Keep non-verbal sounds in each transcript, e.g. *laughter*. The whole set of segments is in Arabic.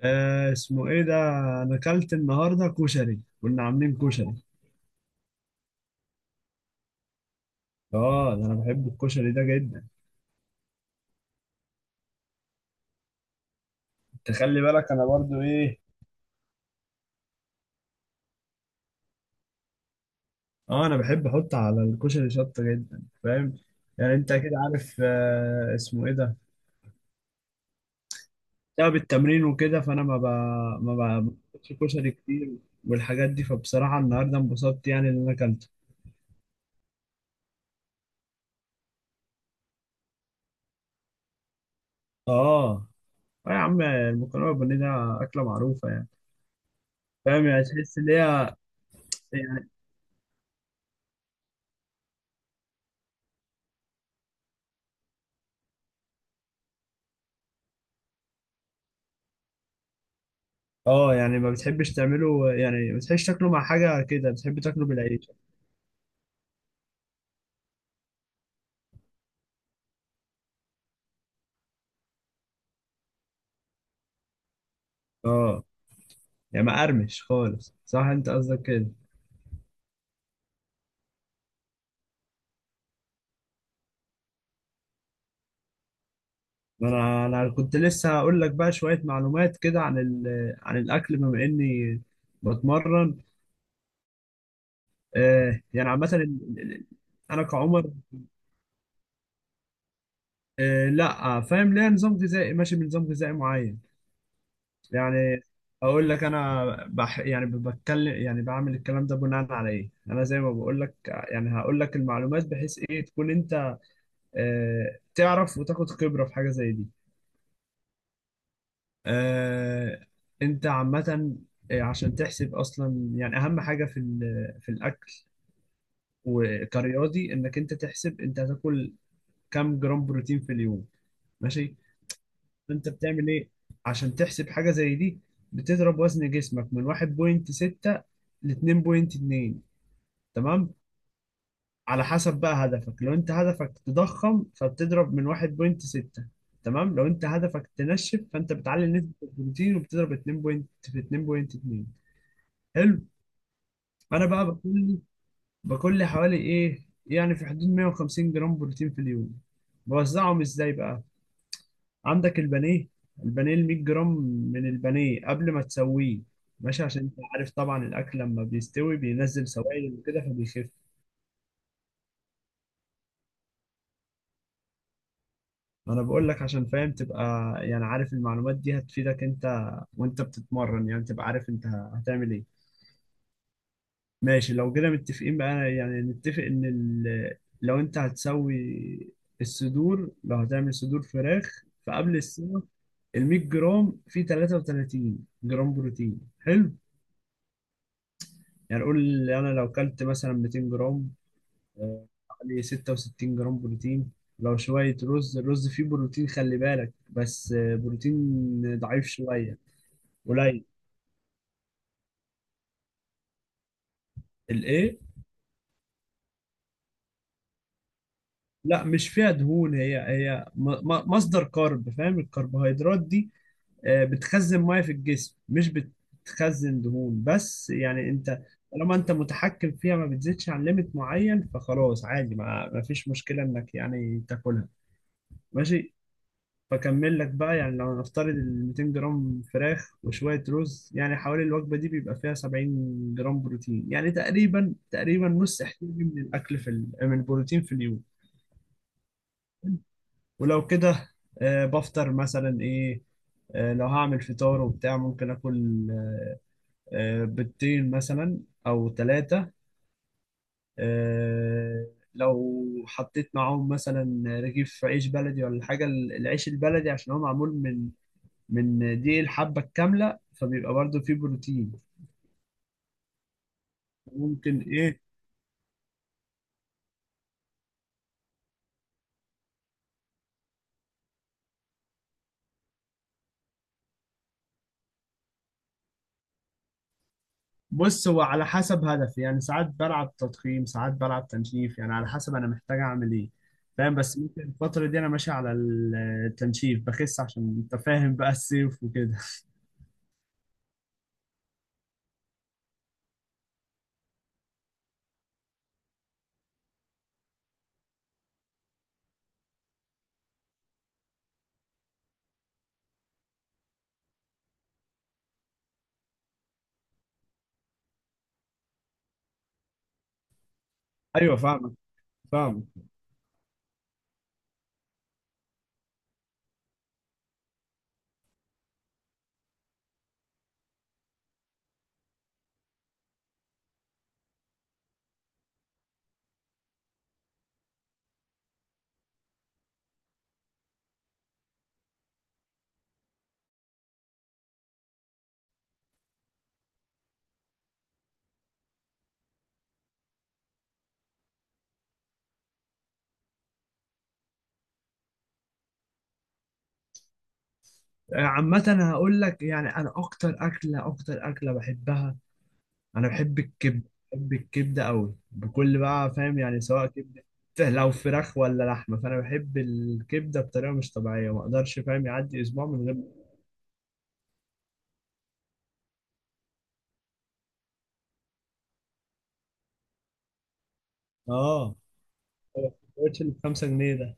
اسمه ايه ده؟ انا اكلت النهارده كشري، كنا عاملين كشري. اه، ده انا بحب الكشري ده جدا. تخلي بالك، انا برضو ايه. اه، انا بحب احط على الكشري شطه جدا، فاهم؟ يعني انت كده عارف. اسمه ايه ده؟ بسبب التمرين وكده، فانا ما ب... ما ب- باكلش كشري كتير والحاجات دي. فبصراحه النهارده انبسطت يعني ان انا اكلته. اه، اه، يا عم المكرونه البانيه ده اكله معروفه يعني. فاهم يعني؟ تحس ان هي. اه، يعني ما بتحبش تعمله، يعني ما بتحبش تاكله مع حاجة كده، بتحب تاكله بالعيش. اه، يعني مقرمش خالص، صح؟ انت قصدك كده. ما انا كنت لسه هقول لك بقى شوية معلومات كده عن عن الاكل بما اني بتمرن. يعني عامة، انا كعمر. لا، فاهم ليه نظام غذائي؟ ماشي بنظام غذائي معين يعني. اقول لك انا بح، يعني بتكلم، يعني بعمل الكلام ده بناء على ايه. انا زي ما بقول لك، يعني هقول لك المعلومات بحيث ايه تكون انت تعرف وتاخد خبرة في حاجة زي دي. آه، انت عامة عشان تحسب اصلا يعني اهم حاجة في في الاكل، وكرياضي، انك انت تحسب انت هتاكل كام جرام بروتين في اليوم، ماشي؟ فانت بتعمل ايه عشان تحسب حاجة زي دي؟ بتضرب وزن جسمك من 1.6 ل 2.2، تمام، على حسب بقى هدفك. لو انت هدفك تضخم فبتضرب من 1.6، تمام. لو انت هدفك تنشف، فانت بتعلي نسبة البروتين وبتضرب 2 بوينت في 2.2، حلو. انا بقى لي باكل لي حوالي ايه، يعني في حدود 150 جرام بروتين في اليوم. بوزعهم ازاي بقى؟ عندك البانيه. البانيه ال 100 جرام من البانيه قبل ما تسويه، ماشي، عشان انت عارف طبعا الاكل لما بيستوي بينزل سوائل وكده فبيخف. ما انا بقول لك عشان فاهم تبقى، يعني عارف المعلومات دي هتفيدك انت وانت بتتمرن، يعني تبقى عارف انت هتعمل ايه. ماشي، لو كده متفقين بقى، يعني نتفق ان لو انت هتسوي الصدور، لو هتعمل صدور فراخ فقبل السمك، ال 100 جرام فيه 33 جرام بروتين، حلو. يعني قول، انا لو كلت مثلا 200 جرام، حوالي 66 جرام بروتين. لو شوية رز، الرز فيه بروتين، خلي بالك بس، بروتين ضعيف شوية، قليل. الايه؟ لا، مش فيها دهون. هي مصدر كارب، فاهم، الكربوهيدرات دي بتخزن ميه في الجسم، مش بتخزن دهون بس. يعني انت طالما انت متحكم فيها ما بتزيدش عن ليميت معين، فخلاص عادي، ما فيش مشكلة انك يعني تاكلها، ماشي. فاكمل لك بقى، يعني لو هنفترض ال 200 جرام فراخ وشويه رز، يعني حوالي الوجبه دي بيبقى فيها 70 جرام بروتين، يعني تقريبا تقريبا نص احتياجي من الاكل في من البروتين في اليوم. ولو كده، بفطر مثلا ايه. لو هعمل فطار وبتاع، ممكن اكل بيضتين مثلا او ثلاثه. لو حطيت معاهم مثلا رغيف عيش بلدي ولا حاجه، العيش البلدي عشان هو معمول من دي الحبة الكاملة، فبيبقى برضو فيه بروتين. ممكن ايه. بص، هو على حسب هدفي، يعني ساعات بلعب تضخيم، ساعات بلعب تنشيف، يعني على حسب انا محتاج اعمل ايه، فاهم. بس ممكن الفترة دي انا ماشي على التنشيف بخس، عشان انت فاهم بقى الصيف وكده *laughs* ايوه فاهمك عامة. انا هقول لك يعني انا اكتر اكلة اكتر اكلة بحبها: انا بحب الكبده، بحب الكبده قوي بكل بقى، فاهم يعني، سواء كبده لو فراخ ولا لحمه، فانا بحب الكبده بطريقه مش طبيعيه. ما اقدرش فاهم يعدي اسبوع من غير. اه، هو السندوتش اللي ب 5 جنيه ده.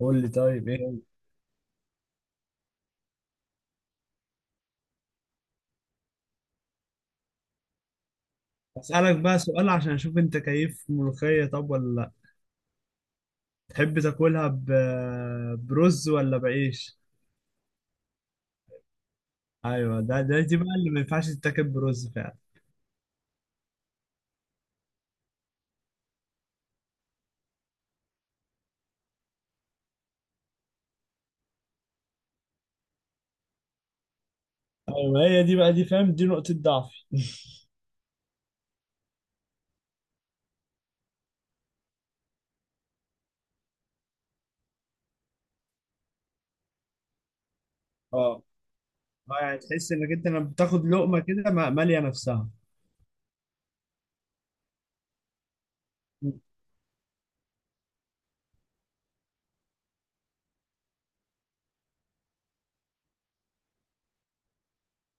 قول لي طيب ايه. اسالك بقى سؤال عشان اشوف انت كيف ملوخيه طب ولا لا. تحب تاكلها برز ولا بعيش؟ ايوه، ده ده دي بقى اللي ما ينفعش تتاكل برز فعلا. ايوه، هي دي بقى، دي فاهم، دي نقطه ضعفي *laughs* اه، اه، يعني تحس انك انت لما بتاخد لقمه كده ماليه نفسها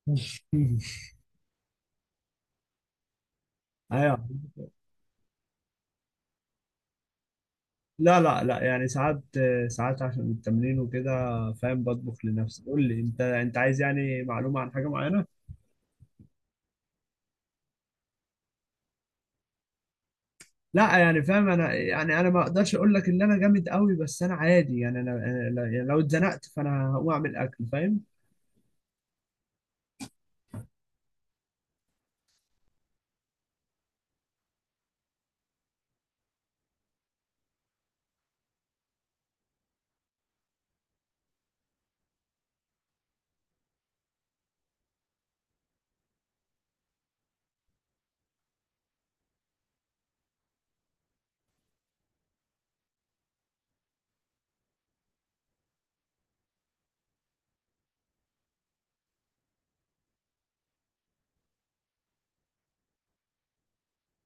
*laughs* ايوه، لا لا لا، يعني ساعات، ساعات عشان التمرين وكده، فاهم، بطبخ لنفسي. قول لي انت عايز يعني معلومه عن حاجه معينه. لا، يعني فاهم انا، يعني انا ما اقدرش اقول لك ان انا جامد قوي، بس انا عادي يعني. انا أنا لا- يعني لو اتزنقت فانا هقوم اعمل اكل، فاهم.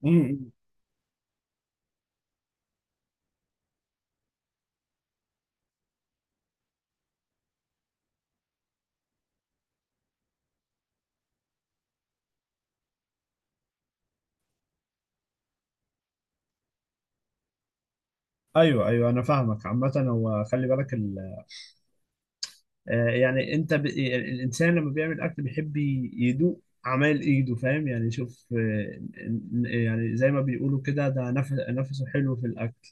امم. ايوه، ايوه، انا فاهمك. عامه هو خلي بالك، يعني انت الانسان لما بيعمل اكل بيحب يدوق اعمال ايده، فاهم يعني. شوف، يعني زي ما بيقولوا كده، ده نفس نفسه حلو في الاكل.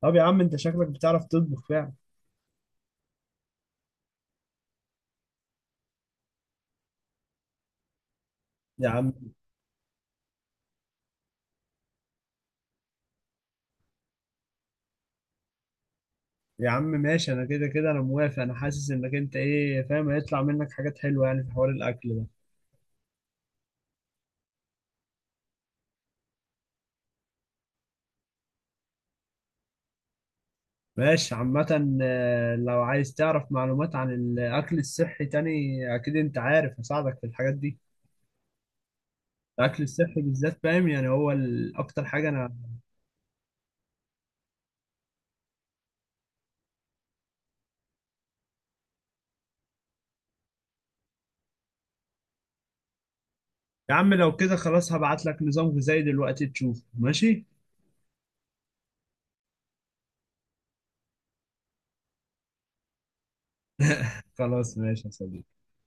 طب يا عم انت شكلك بتعرف تطبخ فعلا. يا عم، يا عم ماشي، انا كده كده انا موافق. انا حاسس انك انت ايه فاهم، هيطلع منك حاجات حلوه يعني في حوار الاكل ده. ماشي، عامة لو عايز تعرف معلومات عن الأكل الصحي تاني، أكيد أنت عارف هساعدك في الحاجات دي. الأكل الصحي بالذات، فاهم يعني، هو أكتر حاجة أنا. يا عم لو كده خلاص هبعت لك نظام غذائي دلوقتي، تشوف، ماشي؟ خلاص ماشي يا صديقي.